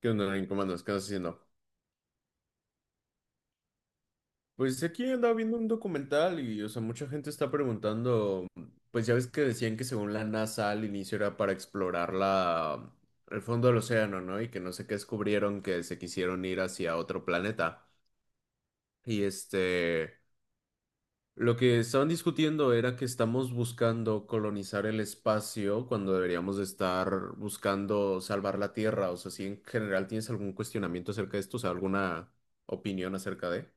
¿Qué onda, Nain? ¿Cómo andas? ¿Qué andas haciendo? Pues aquí andaba viendo un documental y, o sea, mucha gente está preguntando, pues ya ves que decían que según la NASA al inicio era para explorar el fondo del océano, ¿no? Y que no sé qué descubrieron, que se quisieron ir hacia otro planeta. Y este, lo que estaban discutiendo era que estamos buscando colonizar el espacio cuando deberíamos de estar buscando salvar la Tierra. O sea, si en general tienes algún cuestionamiento acerca de esto, o sea, alguna opinión acerca de.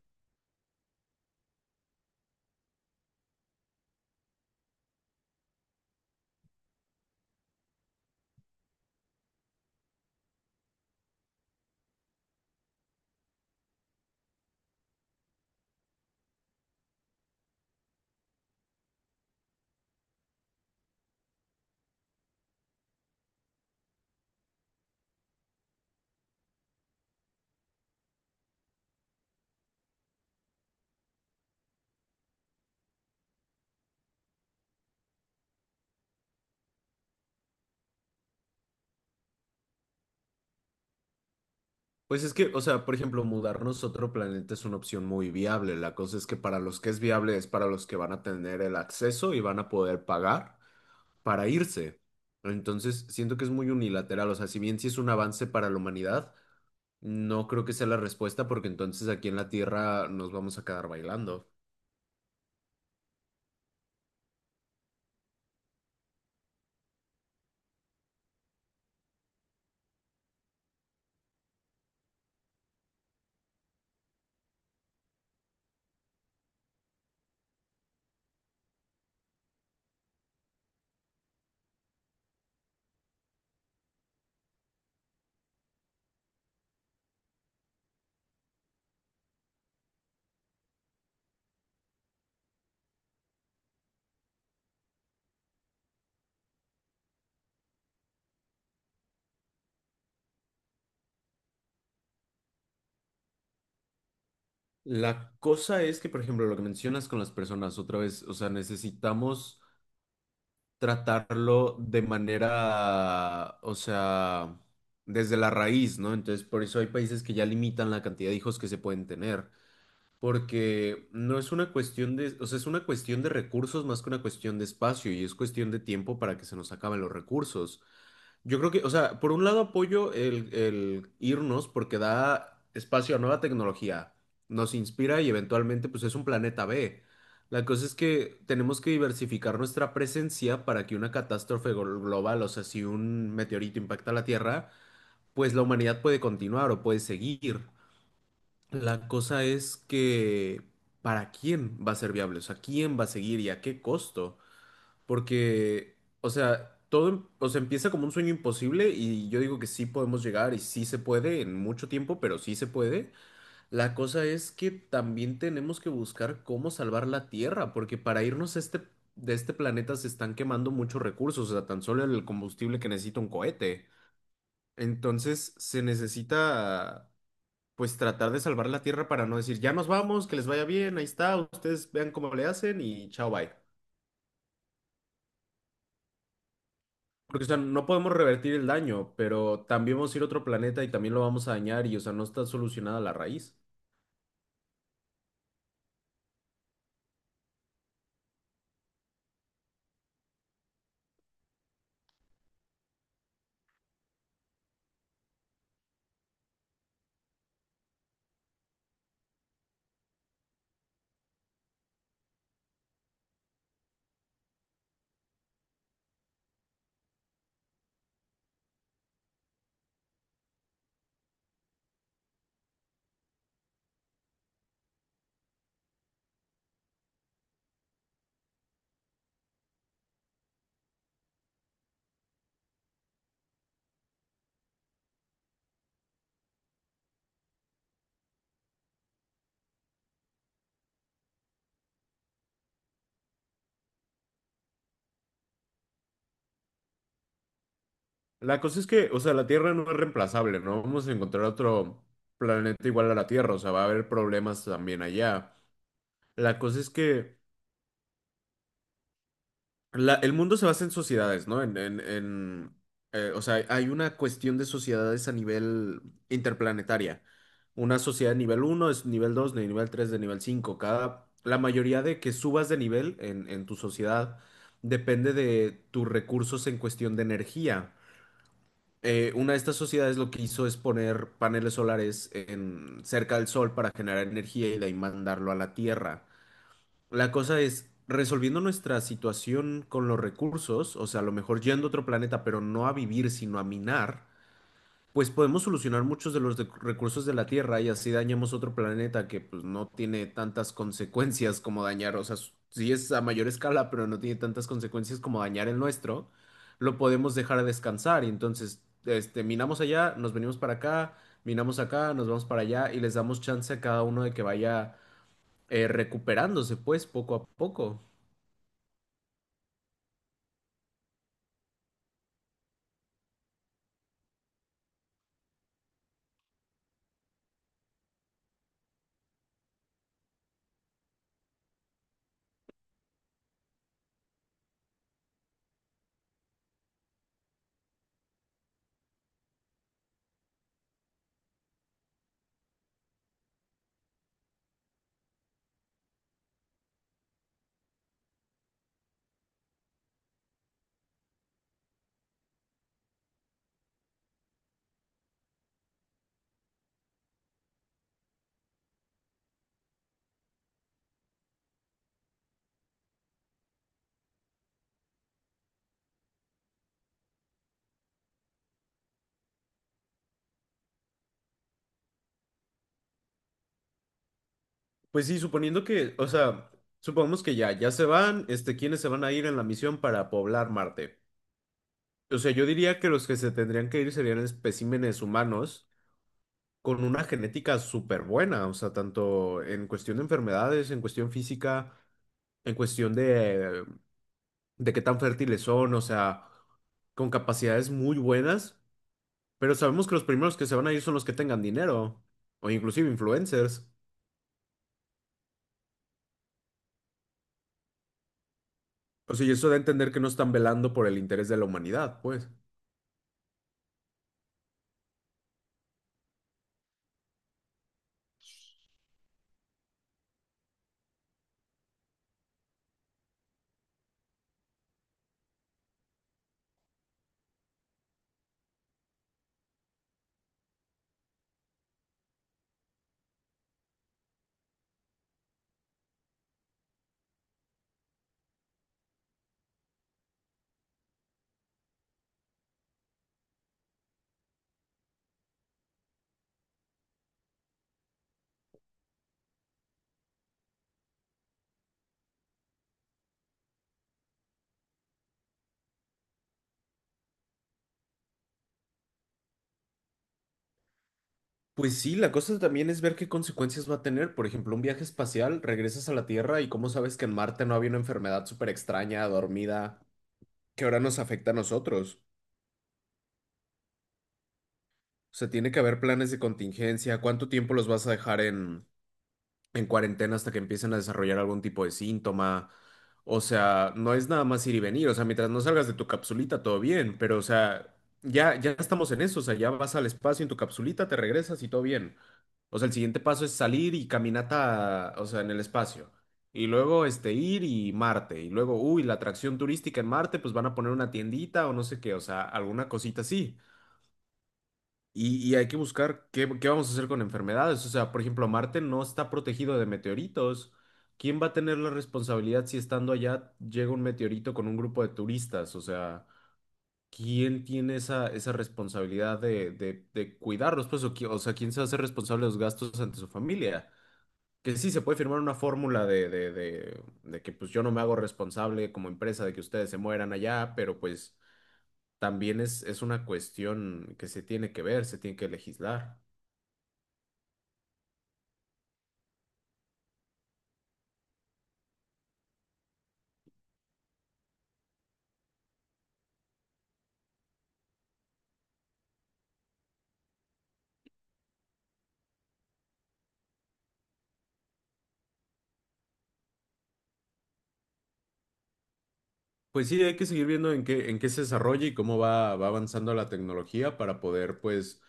Pues es que, o sea, por ejemplo, mudarnos a otro planeta es una opción muy viable. La cosa es que para los que es viable es para los que van a tener el acceso y van a poder pagar para irse. Entonces, siento que es muy unilateral. O sea, si bien sí es un avance para la humanidad, no creo que sea la respuesta porque entonces aquí en la Tierra nos vamos a quedar bailando. La cosa es que, por ejemplo, lo que mencionas con las personas otra vez, o sea, necesitamos tratarlo de manera, o sea, desde la raíz, ¿no? Entonces, por eso hay países que ya limitan la cantidad de hijos que se pueden tener, porque no es una cuestión de, o sea, es una cuestión de recursos más que una cuestión de espacio y es cuestión de tiempo para que se nos acaben los recursos. Yo creo que, o sea, por un lado apoyo el irnos porque da espacio a nueva tecnología, nos inspira y eventualmente pues es un planeta B. La cosa es que tenemos que diversificar nuestra presencia para que una catástrofe global, o sea, si un meteorito impacta la Tierra, pues la humanidad puede continuar o puede seguir. La cosa es que, ¿para quién va a ser viable? O sea, ¿quién va a seguir y a qué costo? Porque, o sea, todo, o sea, empieza como un sueño imposible y yo digo que sí podemos llegar y sí se puede en mucho tiempo, pero sí se puede. La cosa es que también tenemos que buscar cómo salvar la Tierra, porque para irnos a de este planeta se están quemando muchos recursos, o sea, tan solo el combustible que necesita un cohete. Entonces se necesita, pues, tratar de salvar la Tierra para no decir, ya nos vamos, que les vaya bien, ahí está, ustedes vean cómo le hacen y chao, bye. Porque, o sea, no podemos revertir el daño, pero también vamos a ir a otro planeta y también lo vamos a dañar y, o sea, no está solucionada la raíz. La cosa es que, o sea, la Tierra no es reemplazable, ¿no? Vamos a encontrar otro planeta igual a la Tierra, o sea, va a haber problemas también allá. La cosa es que la, el mundo se basa en sociedades, ¿no? O sea, hay una cuestión de sociedades a nivel interplanetaria. Una sociedad de nivel uno, es nivel 2, de nivel 3, de nivel 5. Cada, la mayoría de que subas de nivel en tu sociedad depende de tus recursos en cuestión de energía. Una de estas sociedades lo que hizo es poner paneles solares en, cerca del sol para generar energía y de ahí mandarlo a la Tierra. La cosa es, resolviendo nuestra situación con los recursos, o sea, a lo mejor yendo a otro planeta, pero no a vivir, sino a minar, pues podemos solucionar muchos de los recursos de la Tierra y así dañamos otro planeta que pues no tiene tantas consecuencias como dañar, o sea, sí es a mayor escala, pero no tiene tantas consecuencias como dañar el nuestro, lo podemos dejar a descansar y entonces, este, minamos allá, nos venimos para acá, minamos acá, nos vamos para allá y les damos chance a cada uno de que vaya recuperándose pues poco a poco. Pues sí, suponiendo que, o sea, supongamos que ya se van, este, ¿quiénes se van a ir en la misión para poblar Marte? O sea, yo diría que los que se tendrían que ir serían especímenes humanos con una genética súper buena, o sea, tanto en cuestión de enfermedades, en cuestión física, en cuestión de, de qué tan fértiles son, o sea, con capacidades muy buenas, pero sabemos que los primeros que se van a ir son los que tengan dinero, o inclusive influencers. O sea, y eso da a entender que no están velando por el interés de la humanidad, pues. Pues sí, la cosa también es ver qué consecuencias va a tener. Por ejemplo, un viaje espacial, regresas a la Tierra y cómo sabes que en Marte no había una enfermedad súper extraña, dormida, que ahora nos afecta a nosotros. O sea, tiene que haber planes de contingencia, cuánto tiempo los vas a dejar en cuarentena hasta que empiecen a desarrollar algún tipo de síntoma. O sea, no es nada más ir y venir. O sea, mientras no salgas de tu capsulita, todo bien. Pero, o sea, ya estamos en eso. O sea, ya vas al espacio en tu capsulita, te regresas y todo bien. O sea, el siguiente paso es salir y caminata, o sea, en el espacio. Y luego, este, ir y Marte. Y luego, uy, la atracción turística en Marte, pues van a poner una tiendita o no sé qué. O sea, alguna cosita así. Y hay que buscar qué vamos a hacer con enfermedades. O sea, por ejemplo, Marte no está protegido de meteoritos. ¿Quién va a tener la responsabilidad si estando allá llega un meteorito con un grupo de turistas? O sea, ¿quién tiene esa responsabilidad de cuidarlos? Pues, o, o sea, ¿quién se hace responsable de los gastos ante su familia? Que sí, se puede firmar una fórmula de que pues yo no me hago responsable como empresa de que ustedes se mueran allá, pero pues también es una cuestión que se tiene que ver, se tiene que legislar. Pues sí, hay que seguir viendo en qué se desarrolla y cómo va avanzando la tecnología para poder, pues,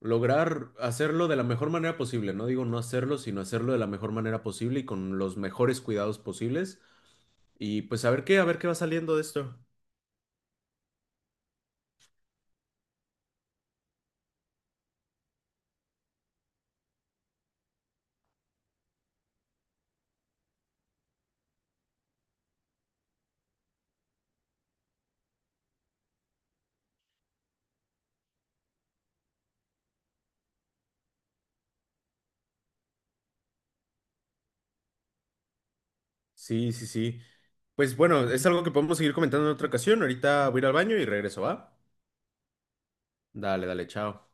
lograr hacerlo de la mejor manera posible. No digo no hacerlo, sino hacerlo de la mejor manera posible y con los mejores cuidados posibles. Y pues a ver qué va saliendo de esto. Sí, sí, sí. Pues bueno, es algo que podemos seguir comentando en otra ocasión. Ahorita voy a ir al baño y regreso, ¿va? Dale, dale, chao.